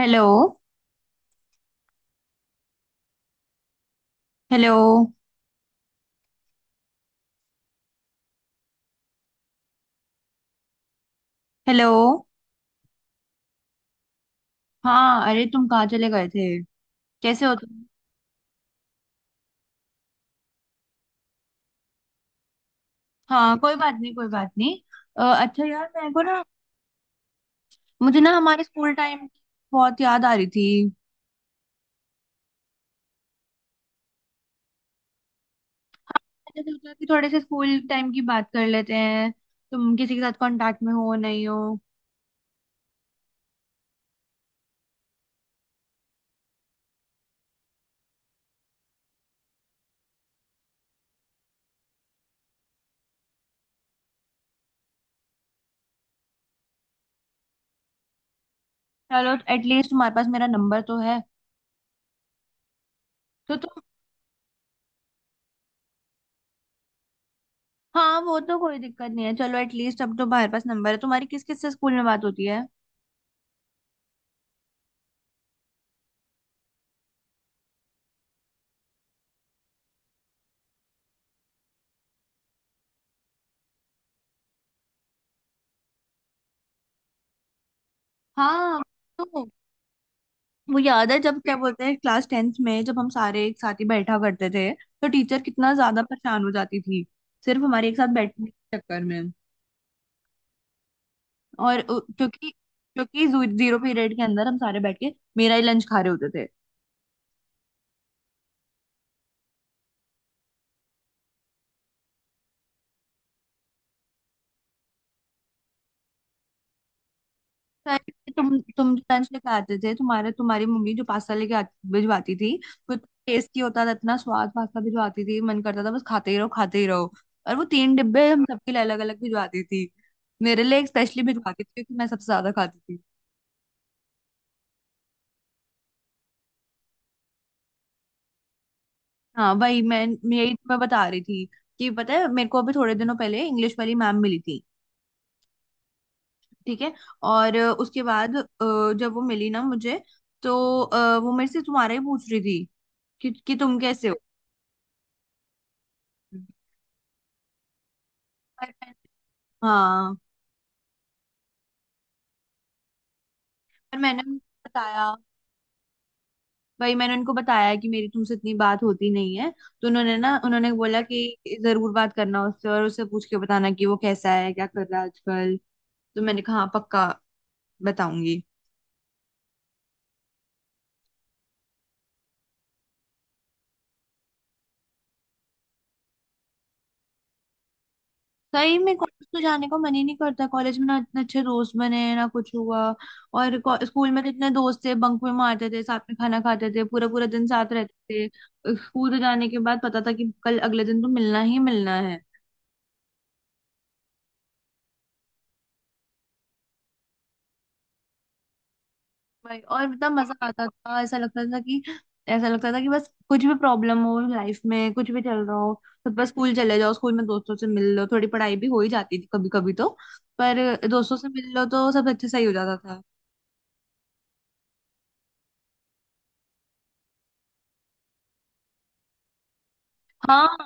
Hello. Hello. Hello. हाँ, अरे तुम कहाँ चले गए थे? कैसे हो तुम? हाँ, कोई बात नहीं, कोई बात नहीं। अच्छा यार मेरे को ना मुझे ना हमारे स्कूल टाइम की बहुत याद आ रही थी। मैंने सोचा कि थोड़े से स्कूल टाइम की बात कर लेते हैं। तुम किसी के साथ कांटेक्ट में हो नहीं हो? चलो एटलीस्ट तुम्हारे पास मेरा नंबर तो है। तो तुम हाँ, वो तो कोई दिक्कत नहीं है। चलो एटलीस्ट अब तो तुम्हारे पास नंबर है। तुम्हारी किस किस से स्कूल में बात होती है? हाँ, तो वो याद है जब क्या बोलते हैं क्लास 10th में जब हम सारे एक साथ ही बैठा करते थे तो टीचर कितना ज्यादा परेशान हो जाती थी, सिर्फ हमारे एक साथ बैठने के चक्कर में। और क्योंकि क्योंकि जीरो पीरियड के अंदर हम सारे बैठ के मेरा ही लंच खा रहे होते थे। पहले तुम लंच लेके आते थे, तुम्हारे तुम्हारी मम्मी जो पास्ता लेके भिजवाती थी। वो टेस्टी होता था, इतना स्वाद पास्ता भिजवाती थी, मन करता था बस खाते ही रहो खाते ही रहो। और वो तीन डिब्बे हम सबके लिए अलग अलग भिजवाती थी, मेरे लिए स्पेशली भिजवाती थी क्योंकि मैं सबसे ज्यादा खाती थी। हाँ वही मैं यही मैं बता रही थी कि पता है मेरे को अभी थोड़े दिनों पहले इंग्लिश वाली मैम मिली थी, ठीक है। और उसके बाद जब वो मिली ना मुझे तो वो मेरे से तुम्हारा ही पूछ रही थी कि तुम कैसे हो। पर मैं- हाँ, पर मैंने उनको बताया, भाई मैंने उनको बताया कि मेरी तुमसे इतनी बात होती नहीं है। तो उन्होंने ना उन्होंने बोला कि जरूर बात करना उससे और उससे पूछ के बताना कि वो कैसा है क्या कर रहा है आजकल। तो मैंने कहा हाँ पक्का, बताऊंगी। सही में कॉलेज तो जाने का मन ही नहीं करता, कॉलेज में ना इतने अच्छे दोस्त बने हैं ना कुछ हुआ। स्कूल में तो इतने दोस्त थे, बंक में मारते थे, साथ में खाना खाते थे, पूरा पूरा दिन साथ रहते थे। स्कूल से जाने के बाद पता था कि कल अगले दिन तो मिलना ही मिलना है। भाई और इतना मजा आता था। ऐसा लगता था कि बस कुछ भी प्रॉब्लम हो लाइफ में, कुछ भी चल रहा हो तो बस स्कूल चले जाओ, स्कूल में दोस्तों से मिल लो, थोड़ी पढ़ाई भी हो ही जाती थी कभी कभी तो। पर दोस्तों से मिल लो तो सब अच्छे, सही हो जाता था। हाँ,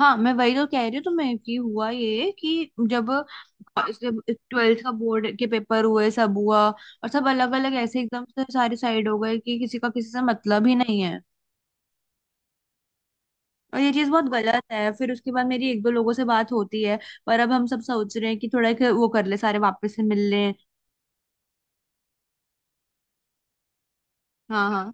हाँ, मैं वही तो कह रही हूँ तुम्हें कि हुआ ये कि जब 12th का बोर्ड के पेपर हुए, सब हुआ और सब अलग अलग ऐसे एकदम से सारे साइड हो गए कि किसी का किसी से मतलब ही नहीं है। और ये चीज बहुत गलत है। फिर उसके बाद मेरी एक दो लोगों से बात होती है, पर अब हम सब सोच रहे हैं कि थोड़ा एक वो कर ले, सारे वापस से मिल लें। हाँ, हाँ,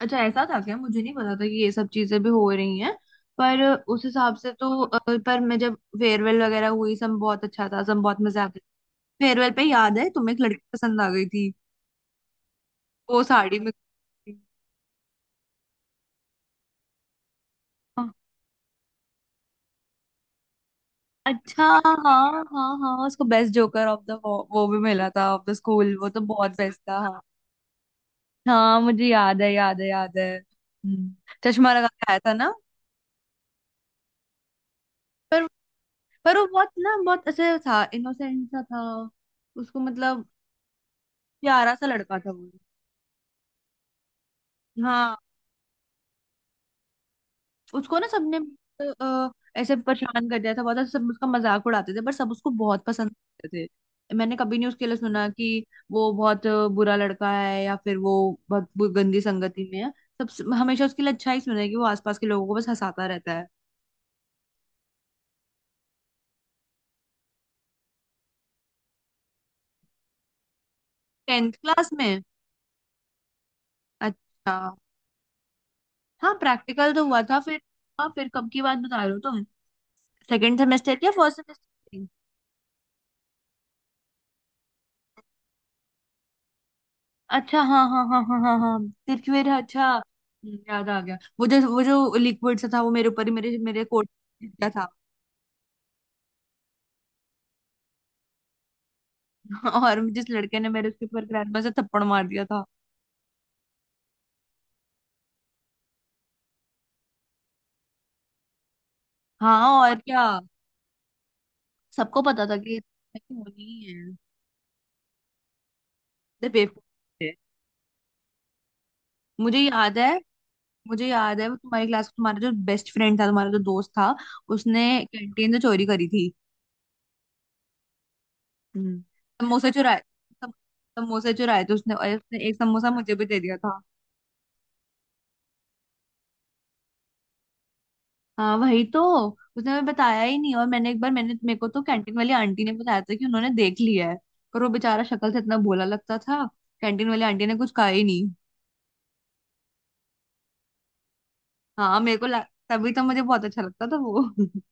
अच्छा ऐसा था क्या? मुझे नहीं पता था कि ये सब चीजें भी हो रही हैं। पर उस हिसाब से तो पर मैं, जब फेयरवेल वगैरह हुई, सब बहुत अच्छा था, सब बहुत मजा आया। फेयरवेल पे याद है तुम्हें एक लड़की पसंद आ गई थी, वो साड़ी में थी। हाँ, अच्छा, हाँ हाँ हाँ हाँ, उसको बेस्ट जोकर ऑफ द वो भी मिला था ऑफ द स्कूल, वो तो बहुत बेस्ट था। हाँ, हाँ मुझे याद है, याद है, याद है। चश्मा लगा के आया था ना? पर पर वो बहुत ना बहुत ऐसे था, इनोसेंट सा था, उसको मतलब प्यारा सा लड़का था वो। हाँ, उसको ना सबने अ, ऐसे परेशान कर दिया था बहुत, सब उसका मजाक उड़ाते थे पर सब उसको बहुत पसंद करते थे। मैंने कभी नहीं उसके लिए सुना कि वो बहुत बुरा लड़का है या फिर वो बहुत गंदी संगति में है। सब हमेशा उसके लिए अच्छा ही सुना है, कि वो आसपास के लोगों को बस हंसाता रहता है। 10th क्लास में। अच्छा, हाँ प्रैक्टिकल तो हुआ था फिर। हाँ फिर कब की बात बता रहे हो तुम? सेकेंड सेमेस्टर या फर्स्ट सेमेस्टर? अच्छा, हाँ हाँ हाँ हाँ हाँ हाँ। तिरकवेर है, अच्छा। याद आ गया वो जो लिक्विड सा था वो मेरे ऊपर ही मेरे मेरे कोट का था। और जिस लड़के ने मेरे उसके ऊपर ग्रैंड से थप्पड़ मार दिया था। हाँ और क्या, सबको पता था कि होनी है, तो बेवकूफ थे। मुझे याद है मुझे याद है वो तुम्हारी क्लास का तुम्हारा जो बेस्ट फ्रेंड था, तुम्हारा जो दोस्त था, उसने कैंटीन से चोरी करी थी। हम्म। समोसे चुराए। सम- समोसे चुराए थे उसने, और उसने एक समोसा मुझे भी दे दिया था। हाँ वही तो, उसने हमें बताया ही नहीं। और मैंने एक बार, मैंने मेरे को तो कैंटीन वाली आंटी ने बताया था कि उन्होंने देख लिया है, पर वो बेचारा शक्ल से इतना भोला लगता था, कैंटीन वाली आंटी ने कुछ कहा ही नहीं। हाँ, तभी तो मुझे बहुत अच्छा लगता था वो।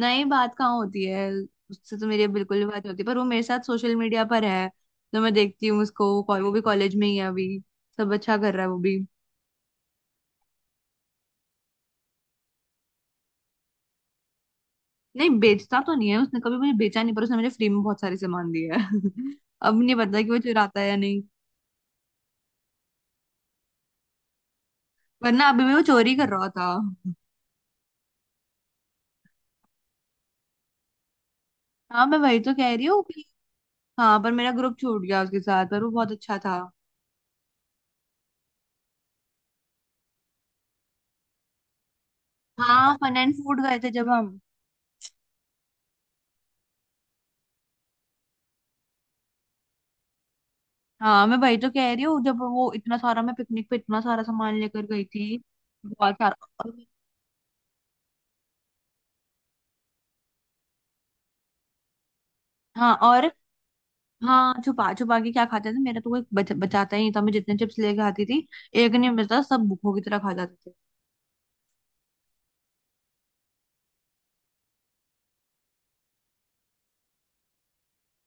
नहीं, बात कहाँ होती है, उससे तो मेरी बिल्कुल भी बात नहीं होती, पर वो मेरे साथ सोशल मीडिया पर है, तो मैं देखती हूँ उसको। वो भी कॉलेज में ही है अभी, सब अच्छा कर रहा है वो भी। नहीं बेचता तो नहीं है, उसने कभी मुझे बेचा नहीं, पर उसने मुझे फ्री में बहुत सारे सामान दिया है। अब नहीं पता कि वो चुराता है या नहीं, वरना अभी भी वो चोरी कर रहा था। हाँ मैं वही तो कह रही हूँ कि हाँ, पर मेरा ग्रुप छूट गया उसके साथ, पर वो बहुत अच्छा था। हाँ, फन एंड फूड गए थे जब हम। हाँ मैं वही तो कह रही हूँ, जब वो इतना सारा, मैं पिकनिक पे इतना सारा सामान लेकर गई थी, बहुत सारा हाँ, और हाँ छुपा छुपा के क्या खाते थे, मेरा तो कोई बचाता ही नहीं था। मैं जितने चिप्स लेके आती थी, एक नहीं बचता, सब भूखों की तरह खा जाते थे।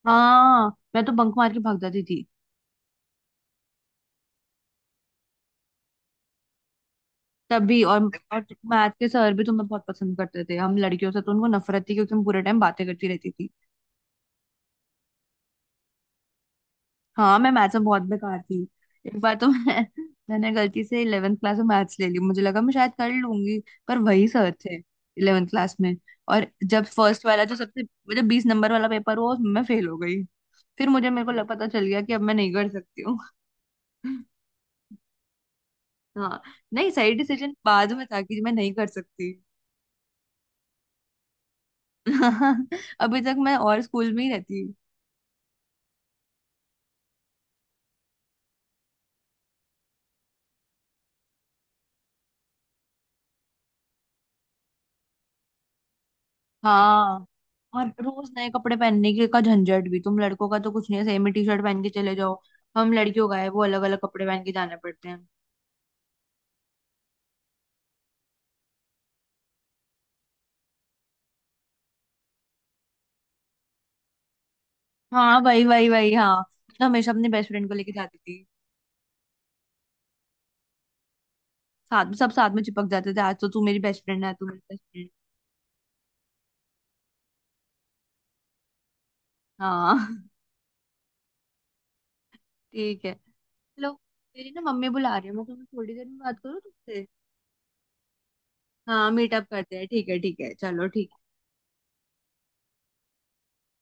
हाँ, मैं तो बंक मार के भाग जाती थी। तभी। और और मैथ के सर भी तुम्हें बहुत पसंद करते थे, हम लड़कियों से तो उनको नफरत थी क्योंकि हम पूरे टाइम बातें करती रहती थी। हाँ मैं मैथ्स में बहुत बेकार थी। एक बार तो मैं मैंने गलती से 11th क्लास में मैथ्स ले ली, मुझे लगा मैं शायद कर लूंगी, पर वही सर थे 11th क्लास में। और जब फर्स्ट वाला, जो सबसे वो जो 20 नंबर वाला पेपर हुआ, उसमें मैं फेल हो गई, फिर मुझे पता चल गया कि अब मैं नहीं कर सकती हूँ। हाँ, नहीं, सही डिसीजन बाद में था कि मैं नहीं कर सकती। अभी तक मैं और स्कूल में ही रहती। हाँ, और रोज नए कपड़े पहनने के का झंझट भी, तुम लड़कों का तो कुछ नहीं है, सेम ही टी शर्ट पहन के चले जाओ। हम लड़कियों का है वो, अलग अलग कपड़े पहन के जाने पड़ते हैं। हाँ वही वही वही, हाँ मैं तो हमेशा अपने बेस्ट फ्रेंड को लेके जाती थी। साथ में सब साथ में चिपक जाते थे, आज तो तू मेरी बेस्ट फ्रेंड है, तू मेरी बेस्ट फ्रेंड। हाँ। ठीक है चलो, मेरी ना मम्मी बुला रही है, मैं तुम्हें थोड़ी देर में बात करूँ तुमसे। हाँ, मीटअप करते हैं, ठीक है, ठीक है, चलो ठीक।